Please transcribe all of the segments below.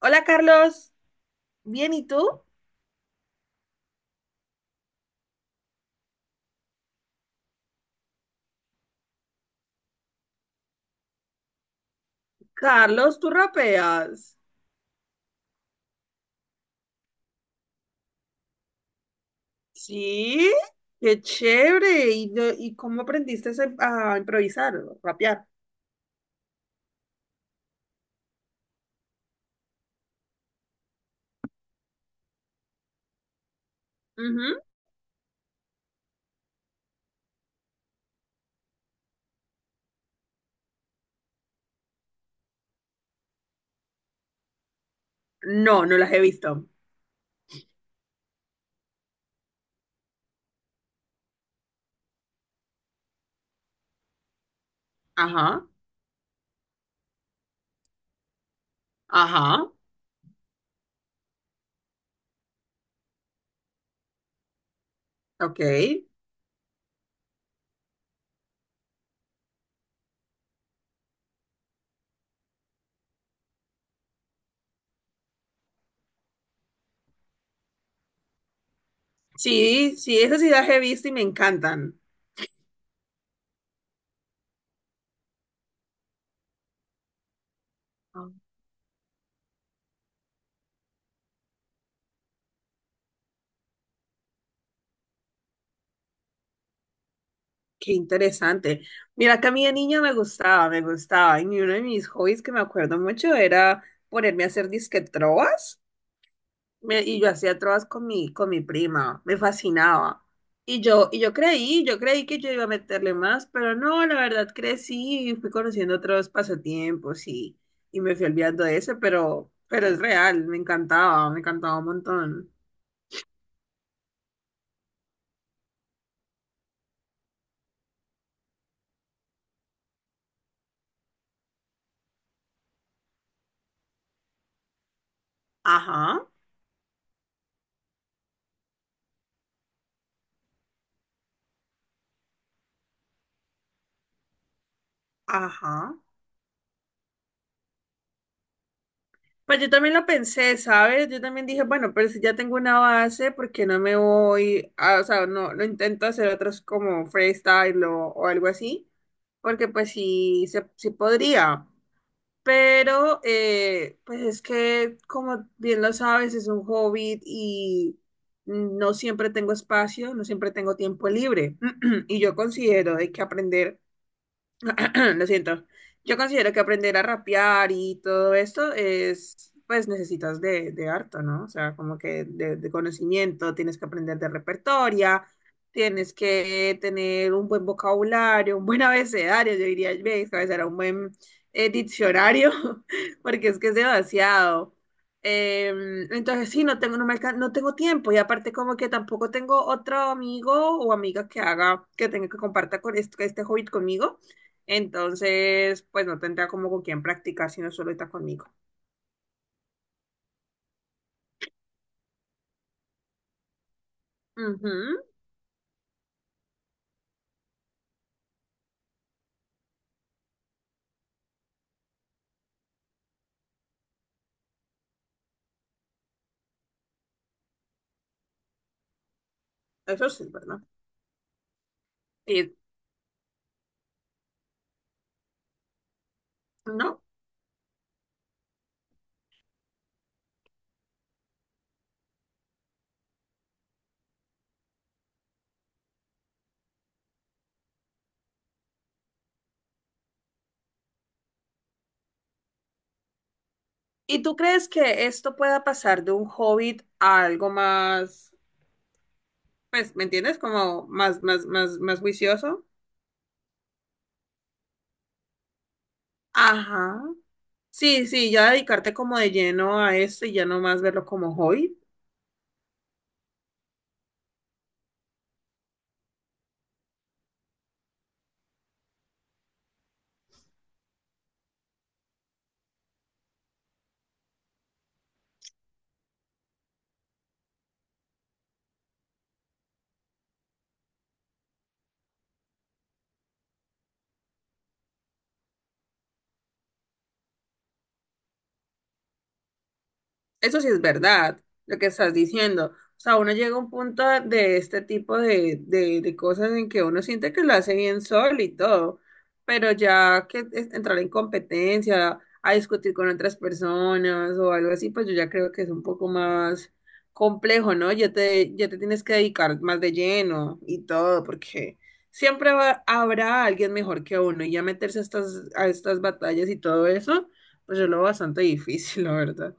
Hola Carlos. Bien, ¿y tú? Carlos, tú rapeas. Sí, qué chévere. ¿Y, y cómo aprendiste a improvisar, rapear? Ujú. No, no las he visto. Ajá, ajá, ok. Sí, sí, esas sí las he visto y me encantan. Ah, qué interesante. Mira que a mí de niña me gustaba, me gustaba. Y uno de mis hobbies que me acuerdo mucho era ponerme a hacer disque trovas. Y yo hacía trovas con mi prima, me fascinaba. Y yo creí, yo creí que yo iba a meterle más, pero no, la verdad crecí y fui conociendo otros pasatiempos, y me fui olvidando de ese, pero es real, me encantaba un montón. Ajá, ajá. Pues yo también lo pensé, ¿sabes? Yo también dije, bueno, pero si ya tengo una base, ¿por qué no me voy a, o sea, no, no intento hacer otros como freestyle o algo así? Porque pues sí, se, sí podría. Pero, pues es que, como bien lo sabes, es un hobbit y no siempre tengo espacio, no siempre tengo tiempo libre. Y yo considero de que aprender lo siento. Yo considero que aprender a rapear y todo esto es, pues necesitas de harto, ¿no? O sea, como que de conocimiento, tienes que aprender de repertoria, tienes que tener un buen vocabulario, un buen abecedario, yo diría, ve, era un buen diccionario, porque es que es demasiado. Entonces, sí, no tengo, no tengo tiempo y aparte como que tampoco tengo otro amigo o amiga que haga, que tenga que comparta con este hobby conmigo. Entonces, pues no tendría como con quién practicar si no solo está conmigo. Ujú. Eso sí, ¿verdad? Y, ¿no? ¿Y tú crees que esto pueda pasar de un hobbit a algo más, pues, me entiendes? Como más, más, más, más juicioso. Ajá. Sí, sí, ya dedicarte como de lleno a esto y ya no más verlo como hobbit. Eso sí es verdad, lo que estás diciendo. O sea, uno llega a un punto de este tipo de cosas en que uno siente que lo hace bien solo y todo, pero ya entrar en competencia, a discutir con otras personas o algo así, pues yo ya creo que es un poco más complejo, ¿no? Ya te tienes que dedicar más de lleno y todo, porque habrá alguien mejor que uno y ya meterse a estas batallas y todo eso, pues yo lo veo bastante difícil, la verdad.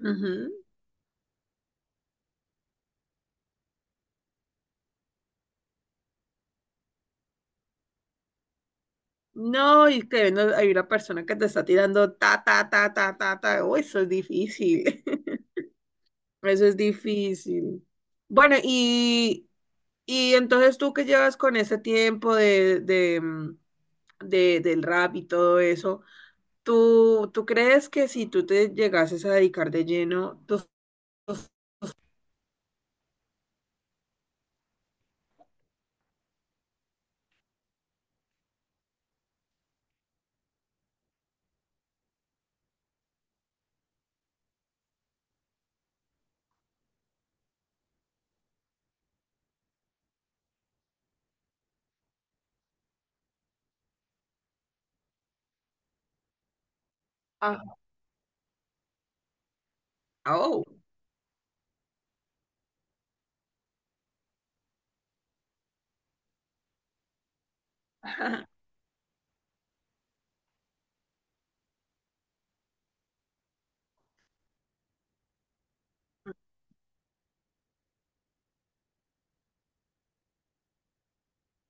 Ujú. No, y que no, hay una persona que te está tirando ta, ta, ta, ta, ta, ta. Oh, eso es difícil. Eso es difícil. Bueno, y entonces tú que llevas con ese tiempo de del rap y todo eso, ¿tú, tú crees que si tú te llegases a dedicar de lleno, tú... Ah, oh.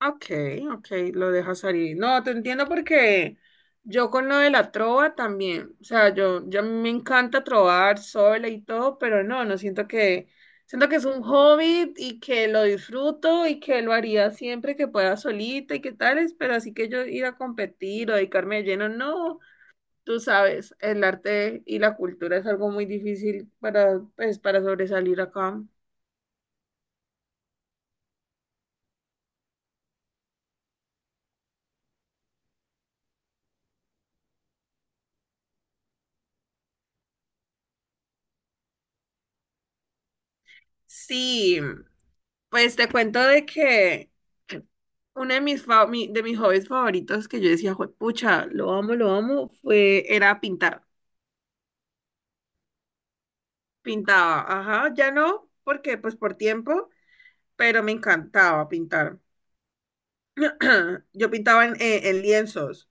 Ok, ok, lo dejas salir. No, te entiendo porque yo con lo de la trova también, o sea, yo a mí me encanta trovar sola y todo, pero no, no siento que, siento que es un hobby y que lo disfruto y que lo haría siempre que pueda solita y que tales, pero así que yo ir a competir o dedicarme de lleno, no, tú sabes, el arte y la cultura es algo muy difícil para, pues, para sobresalir acá. Sí, pues te cuento de que uno de de mis hobbies favoritos que yo decía, pucha, lo amo, fue, era pintar. Pintaba, ajá, ya no, porque pues por tiempo, pero me encantaba pintar. Yo pintaba en lienzos.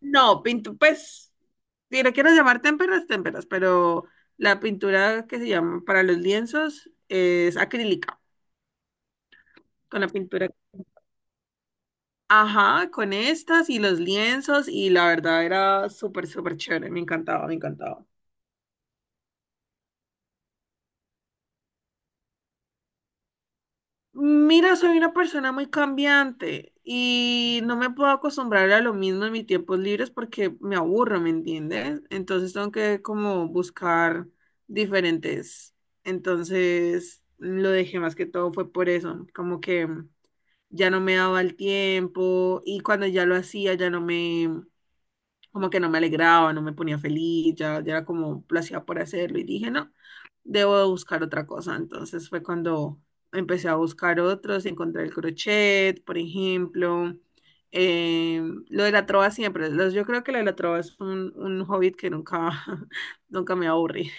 No, pinto, pues, si lo quieres llamar témperas, témperas, pero la pintura que se llama para los lienzos es acrílica, con la pintura. Ajá, con estas y los lienzos, y la verdad era súper, súper chévere, me encantaba, me encantaba. Mira, soy una persona muy cambiante y no me puedo acostumbrar a lo mismo en mis tiempos libres porque me aburro, ¿me entiendes? Entonces tengo que como buscar diferentes. Entonces lo dejé más que todo fue por eso, como que ya no me daba el tiempo y cuando ya lo hacía ya no me, como que no me alegraba, no me ponía feliz, ya, ya era como lo hacía por hacerlo y dije, no, debo de buscar otra cosa. Entonces fue cuando empecé a buscar otros, encontré el crochet, por ejemplo, eh, lo de la trova siempre, yo creo que lo de la trova es un hobby que nunca, nunca me aburrí.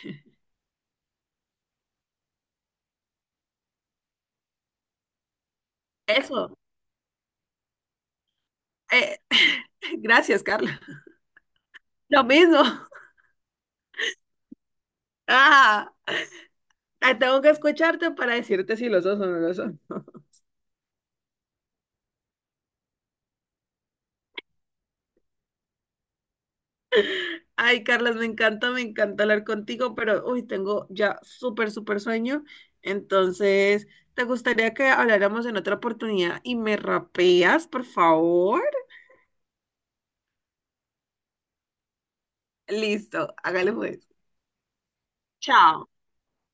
Eso, eh, gracias, Carla. Lo mismo. Ah, tengo que escucharte para decirte si los dos son o no lo son. Ay, Carlos, me encanta hablar contigo, pero uy, tengo ya súper, súper sueño. Entonces, ¿te gustaría que habláramos en otra oportunidad y me rapeas, por favor? Listo, hágale pues. Chao.